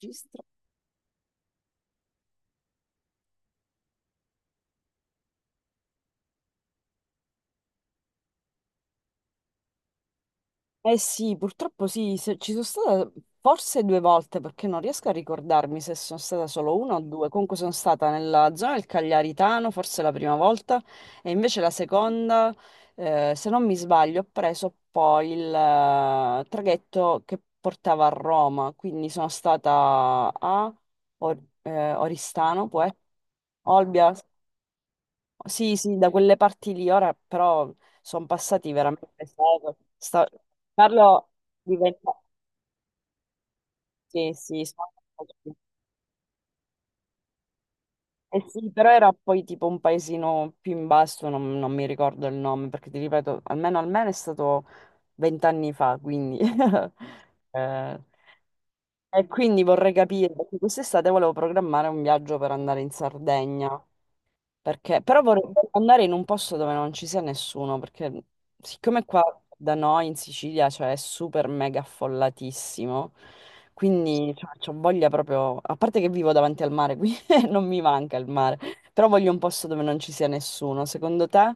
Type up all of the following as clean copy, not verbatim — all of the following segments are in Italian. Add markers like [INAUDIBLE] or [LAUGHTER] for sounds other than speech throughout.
Registro. Eh sì, purtroppo sì, ci sono stata forse due volte perché non riesco a ricordarmi se sono stata solo una o due. Comunque sono stata nella zona del Cagliaritano, forse la prima volta, e invece la seconda, se non mi sbaglio, ho preso poi il traghetto che portava a Roma, quindi sono stata a Oristano, poi Olbia. Sì, sì, da quelle parti lì, ora però sono passati veramente secoli. Parlo di 20 anni. Sì, sì, sono passati. Eh sì, però era poi tipo un paesino più in basso, non mi ricordo il nome, perché ti ripeto, almeno almeno è stato 20 anni fa, quindi... [LAUGHS] eh, e quindi vorrei capire, perché quest'estate volevo programmare un viaggio per andare in Sardegna. Perché, però vorrei andare in un posto dove non ci sia nessuno, perché siccome qua da noi in Sicilia, cioè, è super mega affollatissimo, quindi ho voglia proprio, a parte che vivo davanti al mare, qui [LAUGHS] non mi manca il mare, però voglio un posto dove non ci sia nessuno, secondo te?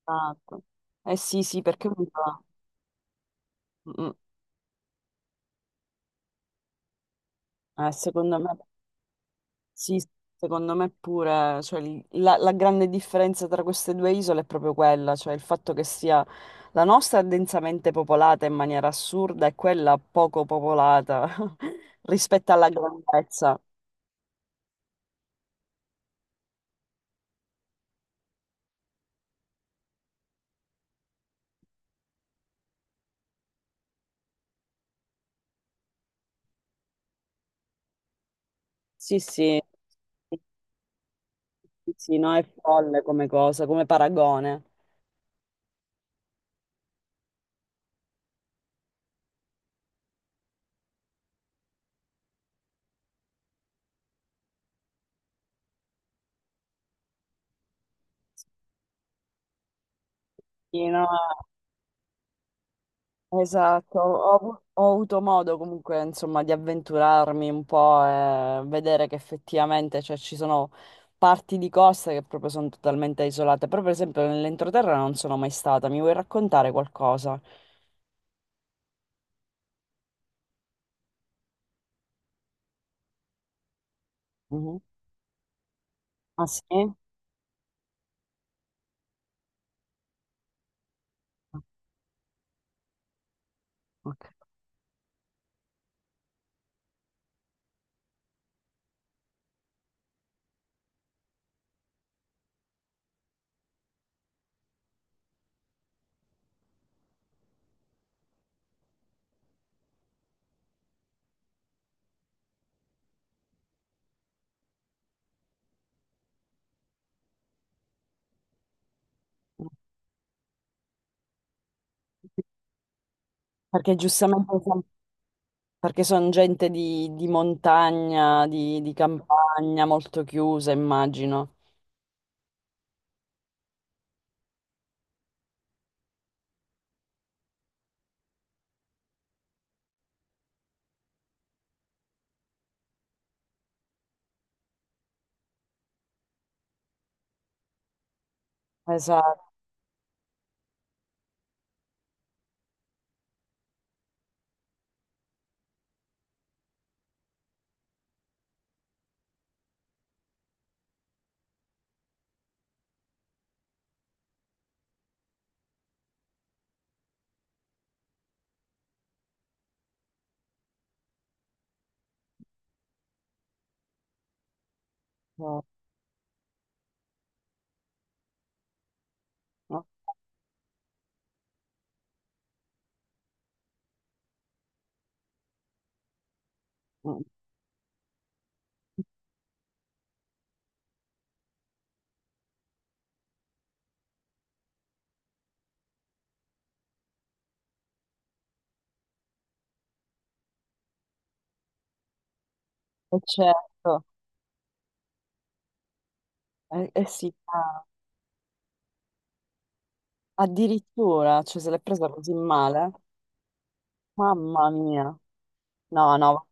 Esatto. Eh sì, sì, perché Mm, secondo me. Sì, secondo me pure, cioè, la grande differenza tra queste due isole è proprio quella, cioè il fatto che sia la nostra è densamente popolata in maniera assurda e quella poco popolata [LAUGHS] rispetto alla grandezza. Sì, sì, sì, sì, no, è folle come cosa, come paragone. Sì, no, esatto, ho avuto modo comunque insomma di avventurarmi un po' e vedere che effettivamente cioè, ci sono parti di costa che proprio sono totalmente isolate. Però per esempio nell'entroterra non sono mai stata, mi vuoi raccontare qualcosa? Mhm. Ah sì? Ok. Perché giustamente perché sono gente di montagna, di campagna, molto chiusa immagino. Esatto. No? Mm. E certo. Eh sì, ah, addirittura, cioè se l'è presa così male, mamma mia. No, no,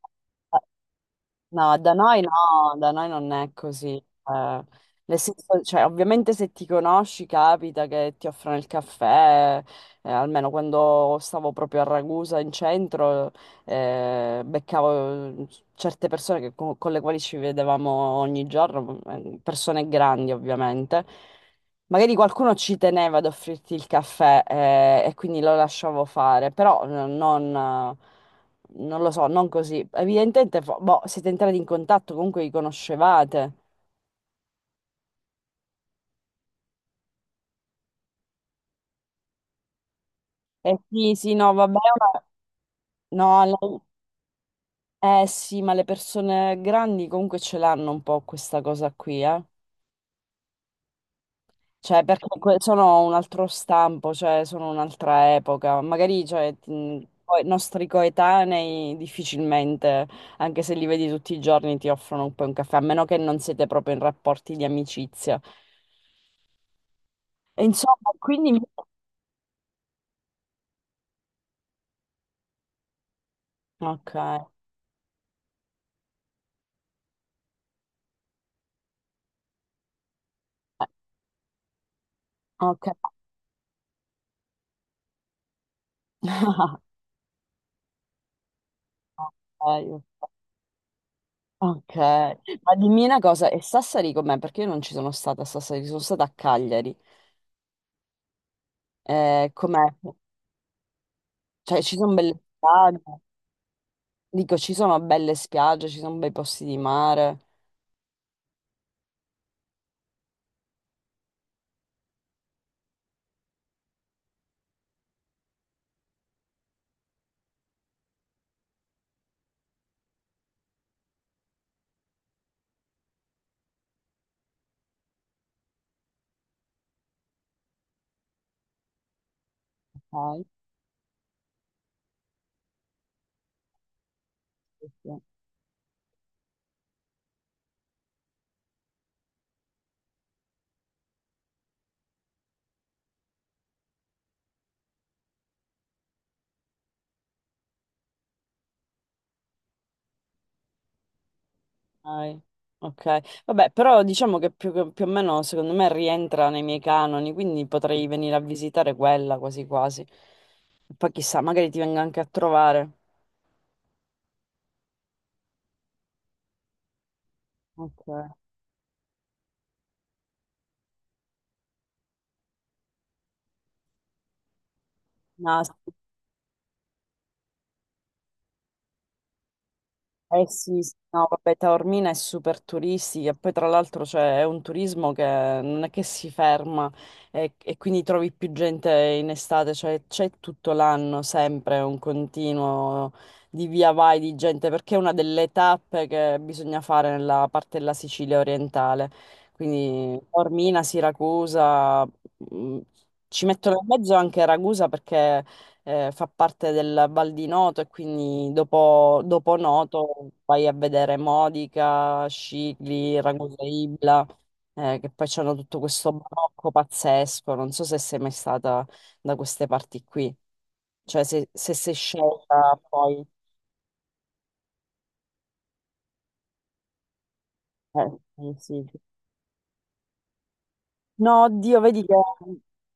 no, da noi no, da noi non è così. Eh. Nel senso, cioè, ovviamente se ti conosci capita che ti offrono il caffè, almeno quando stavo proprio a Ragusa in centro, beccavo certe persone con le quali ci vedevamo ogni giorno, persone grandi ovviamente. Magari qualcuno ci teneva ad offrirti il caffè, e quindi lo lasciavo fare, però non... non lo so, non così. Evidentemente, boh, siete entrati in contatto, comunque vi conoscevate. Eh sì, sì, no, vabbè, no, sì, ma le persone grandi comunque ce l'hanno un po' questa cosa qui, eh. Cioè, perché sono un altro stampo, cioè, sono un'altra epoca. Magari, cioè, poi i nostri coetanei difficilmente, anche se li vedi tutti i giorni, ti offrono un po' un caffè, a meno che non siete proprio in rapporti di amicizia. E insomma, quindi... Ok. Ok, [LAUGHS] ok, ok. Ma dimmi una cosa, e Sassari com'è? Perché io non ci sono stata a Sassari, sono stata a Cagliari. Com'è? Cioè, ci sono belle spiagge, dico, ci sono belle spiagge, ci sono bei posti di mare. Ok, sì, sì. Ok, ok. Vabbè, però diciamo che più o meno, secondo me, rientra nei miei canoni, quindi potrei venire a visitare quella quasi quasi. Poi chissà, magari ti vengo anche a trovare. Ok. No, eh sì, sì, no, vabbè, Taormina è super turistica, e poi tra l'altro c'è è un turismo che non è che si ferma e quindi trovi più gente in estate, cioè c'è tutto l'anno sempre un continuo di via vai di gente, perché è una delle tappe che bisogna fare nella parte della Sicilia orientale, quindi Taormina, Siracusa, mm, ci mettono in mezzo anche Ragusa perché fa parte del Val di Noto e quindi dopo Noto vai a vedere Modica, Scicli, Ragusa Ibla, che poi c'hanno tutto questo barocco pazzesco. Non so se sei mai stata da queste parti qui, cioè se sei scelta poi... eh, sì, sì. No, oddio, vedi che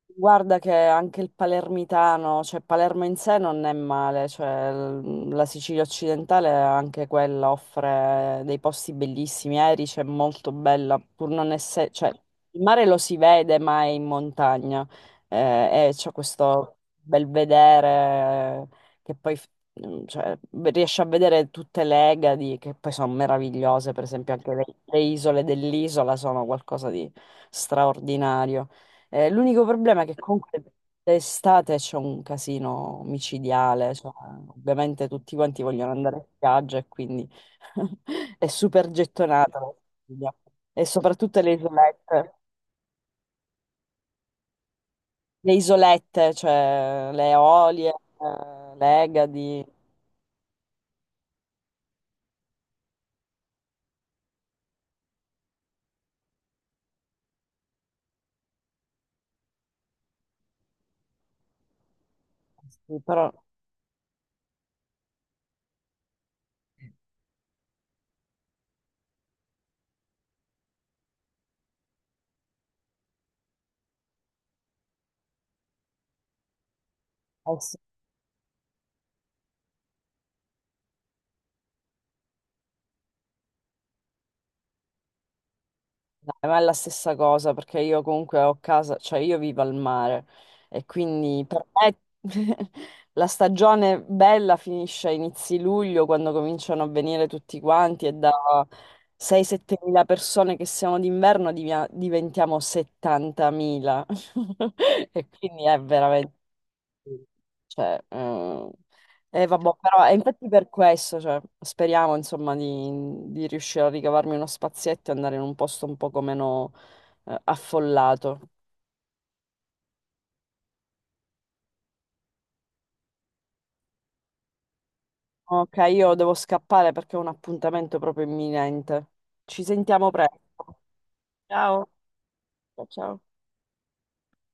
guarda che anche il palermitano, cioè Palermo in sé non è male, cioè la Sicilia occidentale anche quella offre dei posti bellissimi, Erice è molto bella, pur non essere, cioè il mare lo si vede ma è in montagna e c'è questo bel vedere che poi cioè, beh, riesci a vedere tutte le Egadi che poi sono meravigliose, per esempio anche le isole dell'isola sono qualcosa di straordinario. L'unico problema è che comunque d'estate c'è un casino micidiale, cioè, ovviamente tutti quanti vogliono andare in spiaggia e quindi [LAUGHS] è super gettonata la Sicilia. E soprattutto le isolette, cioè le Eolie, le Egadi. Sì, però... eh sì. Dai, ma è la stessa cosa perché io comunque ho casa, cioè io vivo al mare e quindi per me [LAUGHS] la stagione bella finisce a inizi luglio quando cominciano a venire tutti quanti e da 6-7 mila persone che siamo d'inverno diventiamo 70 mila [LAUGHS] e quindi è veramente cioè, vabbè, però è infatti per questo, cioè, speriamo insomma di riuscire a ricavarmi uno spazietto e andare in un posto un poco meno affollato. Ok, io devo scappare perché ho un appuntamento proprio imminente. Ci sentiamo presto. Ciao. Ciao. Ciao.